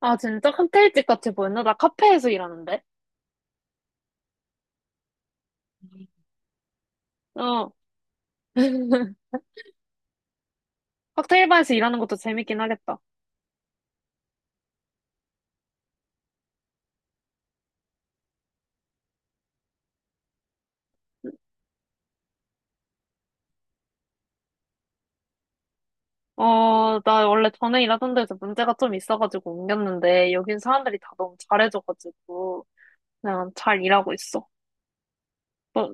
아, 진짜? 칵테일집 같이 보였나? 나 카페에서 일하는데? 어. 칵테일 바에서 일하는 것도 재밌긴 하겠다. 어, 나 원래 전에 일하던 데서 문제가 좀 있어가지고 옮겼는데, 여긴 사람들이 다 너무 잘해줘가지고, 그냥 잘 일하고 있어. 어,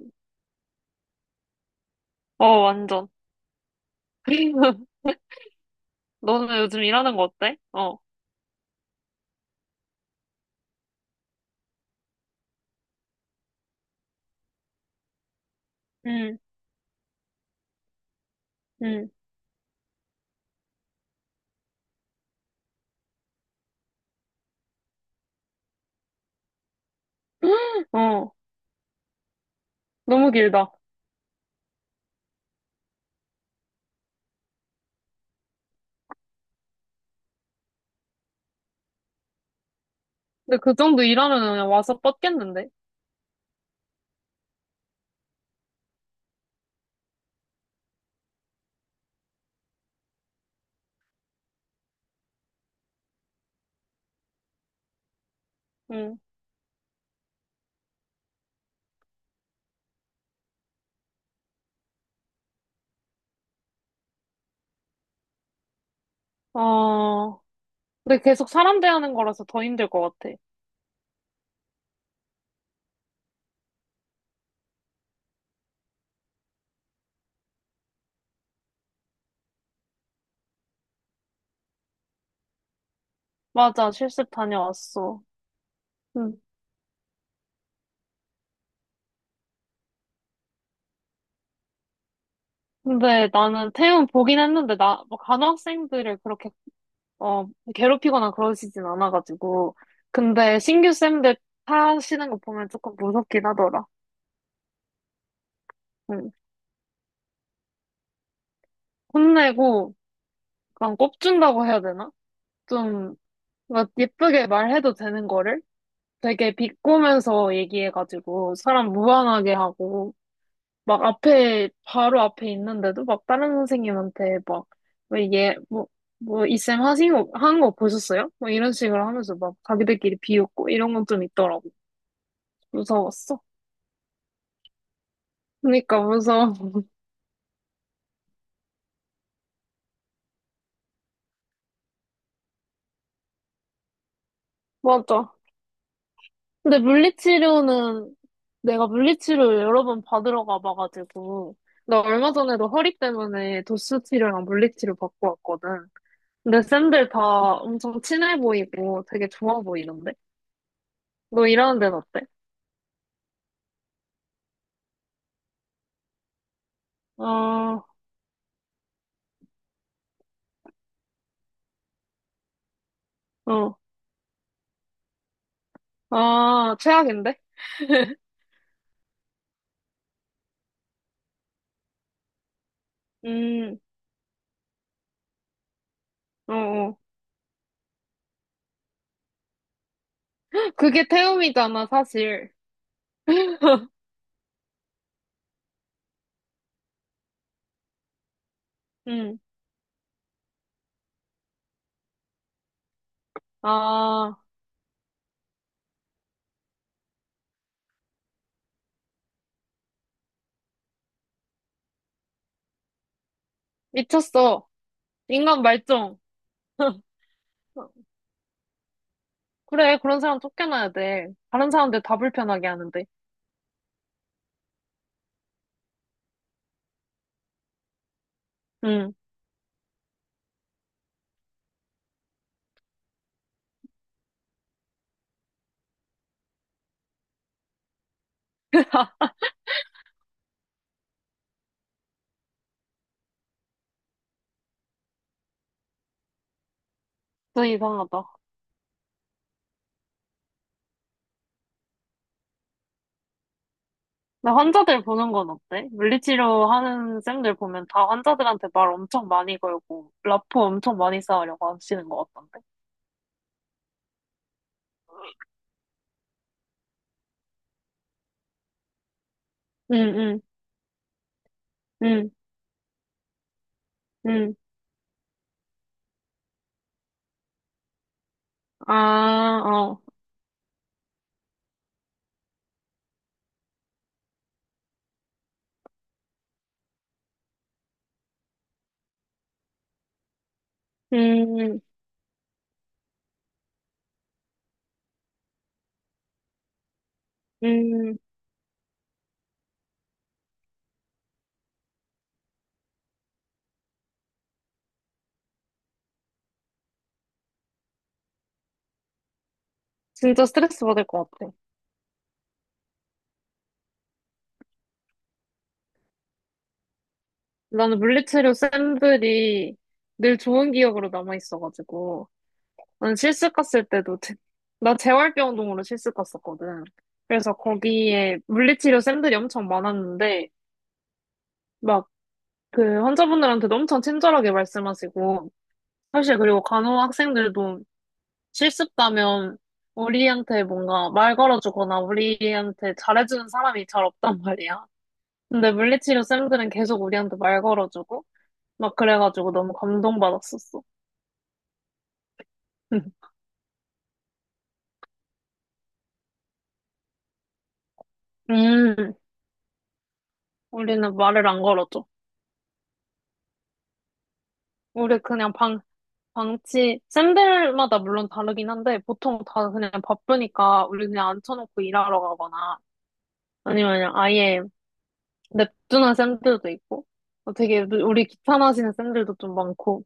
어, 완전. 너는 요즘 일하는 거 어때? 어. 응, 응. 어. 너무 길다. 근데 그 정도 일하면 그냥 와서 뻗겠는데? 응. 어. 근데 계속 사람 대하는 거라서 더 힘들 것 같아. 맞아, 실습 다녀왔어. 응. 근데 나는 태움 보긴 했는데, 나, 뭐 간호학생들을 그렇게, 어, 괴롭히거나 그러시진 않아가지고. 근데 신규 쌤들 타시는 거 보면 조금 무섭긴 하더라. 응. 혼내고, 약간 꼽준다고 해야 되나? 좀, 막 예쁘게 말해도 되는 거를 되게 비꼬면서 얘기해가지고, 사람 무안하게 하고. 막 앞에, 바로 앞에 있는데도 막 다른 선생님한테 막, 왜 얘, 뭐, 뭐, 이쌤 하신 거, 한 거 보셨어요? 뭐 이런 식으로 하면서 막 자기들끼리 비웃고 이런 건 좀 있더라고. 무서웠어. 그러니까 무서워. 맞아. 근데 물리치료는 내가 물리치료 여러 번 받으러 가봐가지고, 나 얼마 전에도 허리 때문에 도수치료랑 물리치료 받고 왔거든. 근데 쌤들 다 엄청 친해 보이고 되게 좋아 보이던데? 너 일하는 데는 어때? 어, 어. 아, 최악인데? 음, 어, 어. 그게 태움이잖아, 사실. 음, 아, 미쳤어. 인간 말종. 그래, 그런 사람 쫓겨나야 돼. 다른 사람들 다 불편하게 하는데. 음, 좀 이상하다. 나 환자들 보는 건 어때? 물리치료 하는 쌤들 보면 다 환자들한테 말 엄청 많이 걸고, 라포 엄청 많이 쌓으려고 하시는 것 같던데. 응, 아, 어. 응, 응, 응. 아, 어. 진짜 스트레스 받을 것 같아. 나는 물리치료 쌤들이 늘 좋은 기억으로 남아있어가지고. 나는 실습 갔을 때도, 나 재활병동으로 실습 갔었거든. 그래서 거기에 물리치료 쌤들이 엄청 많았는데, 막 그 환자분들한테도 엄청 친절하게 말씀하시고, 사실 그리고 간호 학생들도 실습 가면 우리한테 뭔가 말 걸어주거나 우리한테 잘해주는 사람이 잘 없단 말이야. 근데 물리치료 쌤들은 계속 우리한테 말 걸어주고, 막 그래가지고 너무 감동받았었어. 음, 우리는 말을 안 걸어줘. 우리 그냥 방, 방치, 쌤들마다 물론 다르긴 한데, 보통 다 그냥 바쁘니까 우리 그냥 앉혀놓고 일하러 가거나, 아니면 그냥 아예 냅두는 쌤들도 있고, 어, 되게 우리 귀찮아하시는 쌤들도 좀 많고,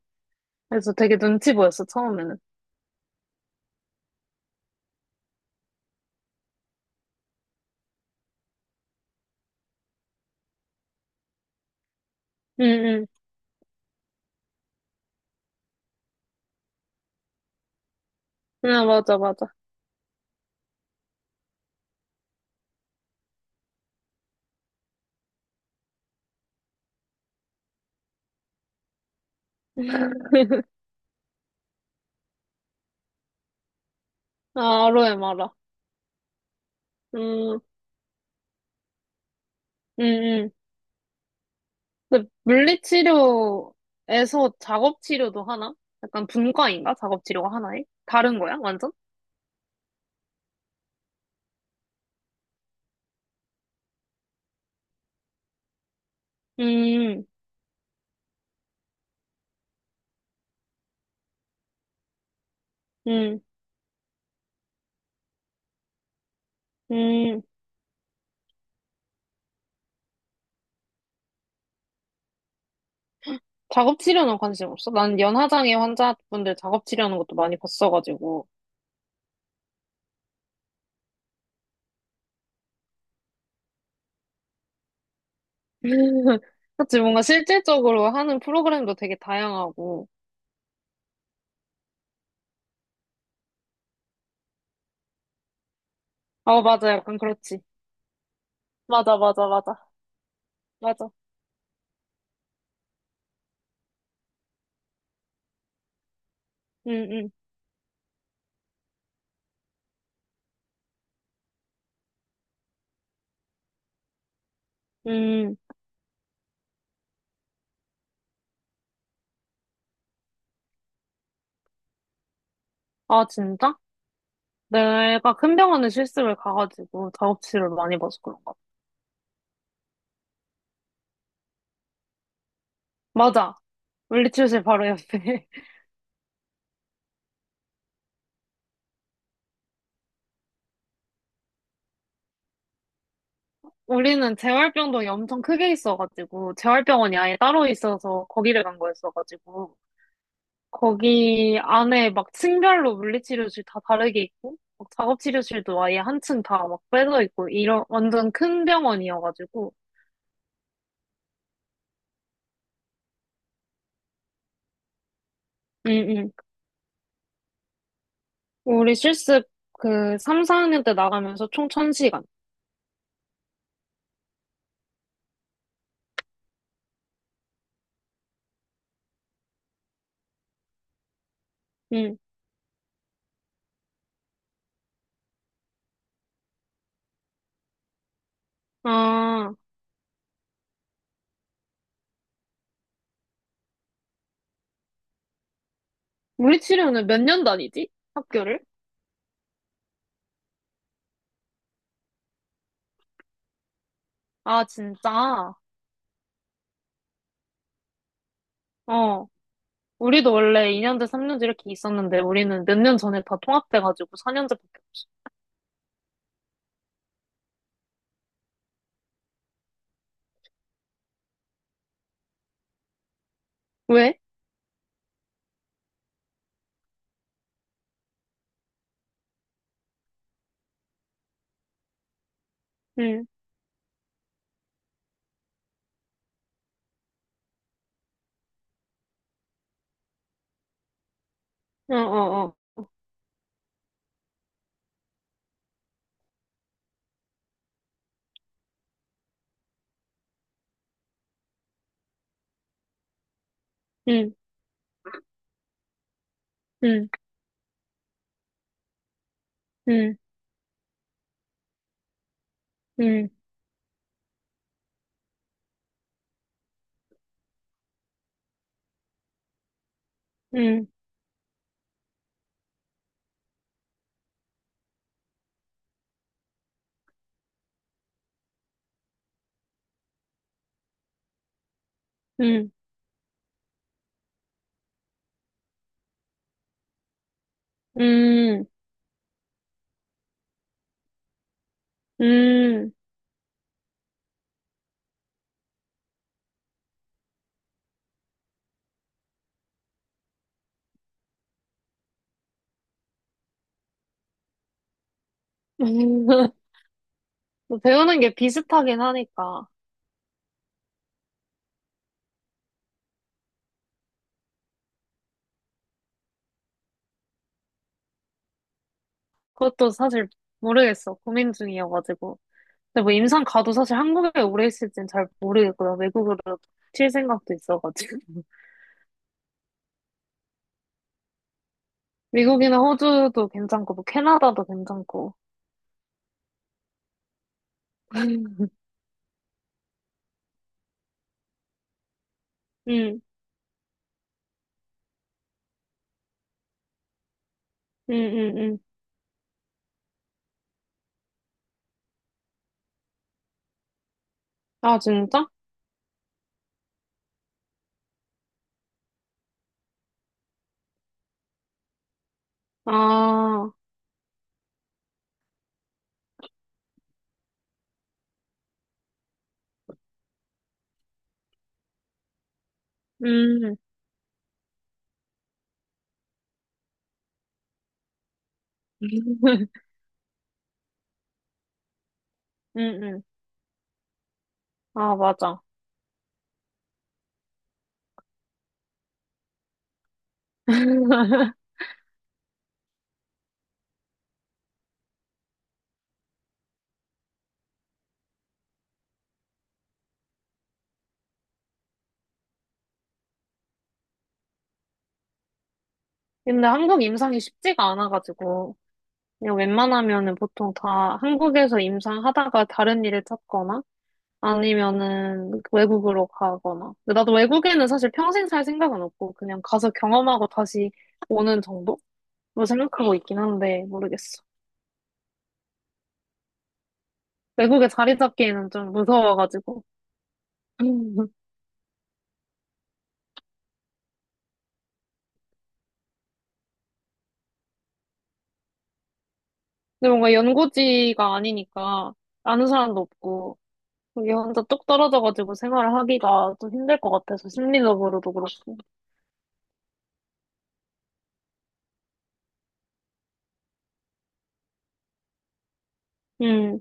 그래서 되게 눈치 보였어, 처음에는. 응 응. 응, 응, 맞아, 맞아. 아, 아로에 마라. 음, 응응 근데 물리치료에서 작업치료도 하나? 약간 분과인가? 작업치료가 하나에? 다른 거야? 완전? 음, 음, 음. 작업치료는 관심 없어? 난 연하장애 환자분들 작업치료하는 것도 많이 봤어가지고. 그치, 뭔가 실질적으로 하는 프로그램도 되게 다양하고. 아, 맞아. 약간 그렇지. 맞아, 맞아, 맞아. 맞아. 음, 음, 음. 아, 진짜? 내가 큰 병원에 실습을 가가지고 작업치료를 많이 봐서 그런가? 봐. 맞아. 물리치료실 바로 옆에. 우리는 재활병동이 엄청 크게 있어가지고, 재활병원이 아예 따로 있어서 거기를 간 거였어가지고, 거기 안에 막 층별로 물리치료실 다 다르게 있고, 막 작업치료실도 아예 한 층 다 막 빼져 있고, 이런 완전 큰 병원이어가지고, 응, 응. 우리 실습 그 3, 4학년 때 나가면서 총 1000시간 응. 아, 물리치료는 몇 년 다니지? 학교를? 아, 진짜? 어. 우리도 원래 2년제, 3년제 이렇게 있었는데 우리는 몇 년 전에 다 통합돼가지고 4년제밖에 없어. 왜? 응, 어, 어, 어. 응, 응, 응, 응, 응, 응, 응, 응. 뭐 배우는 게 비슷하긴 하니까. 그것도 사실 모르겠어. 고민 중이어가지고. 근데 뭐 임상 가도 사실 한국에 오래 있을진 잘 모르겠고요. 외국으로 칠 생각도 있어가지고. 미국이나 호주도 괜찮고, 뭐 캐나다도 괜찮고. 응, 응, 응, 응. 아, 진짜? 아, 음. 음, 음. 아, 맞아. 근데 한국 임상이 쉽지가 않아가지고, 그냥 웬만하면은 보통 다 한국에서 임상하다가 다른 일을 찾거나, 아니면은 외국으로 가거나. 근데 나도 외국에는 사실 평생 살 생각은 없고, 그냥 가서 경험하고 다시 오는 정도로 생각하고 있긴 한데, 모르겠어. 외국에 자리 잡기에는 좀 무서워가지고. 근데 뭔가 연고지가 아니니까, 아는 사람도 없고, 거기 혼자 뚝 떨어져가지고 생활을 하기가 좀 힘들 것 같아서 심리적으로도 그렇고. 음.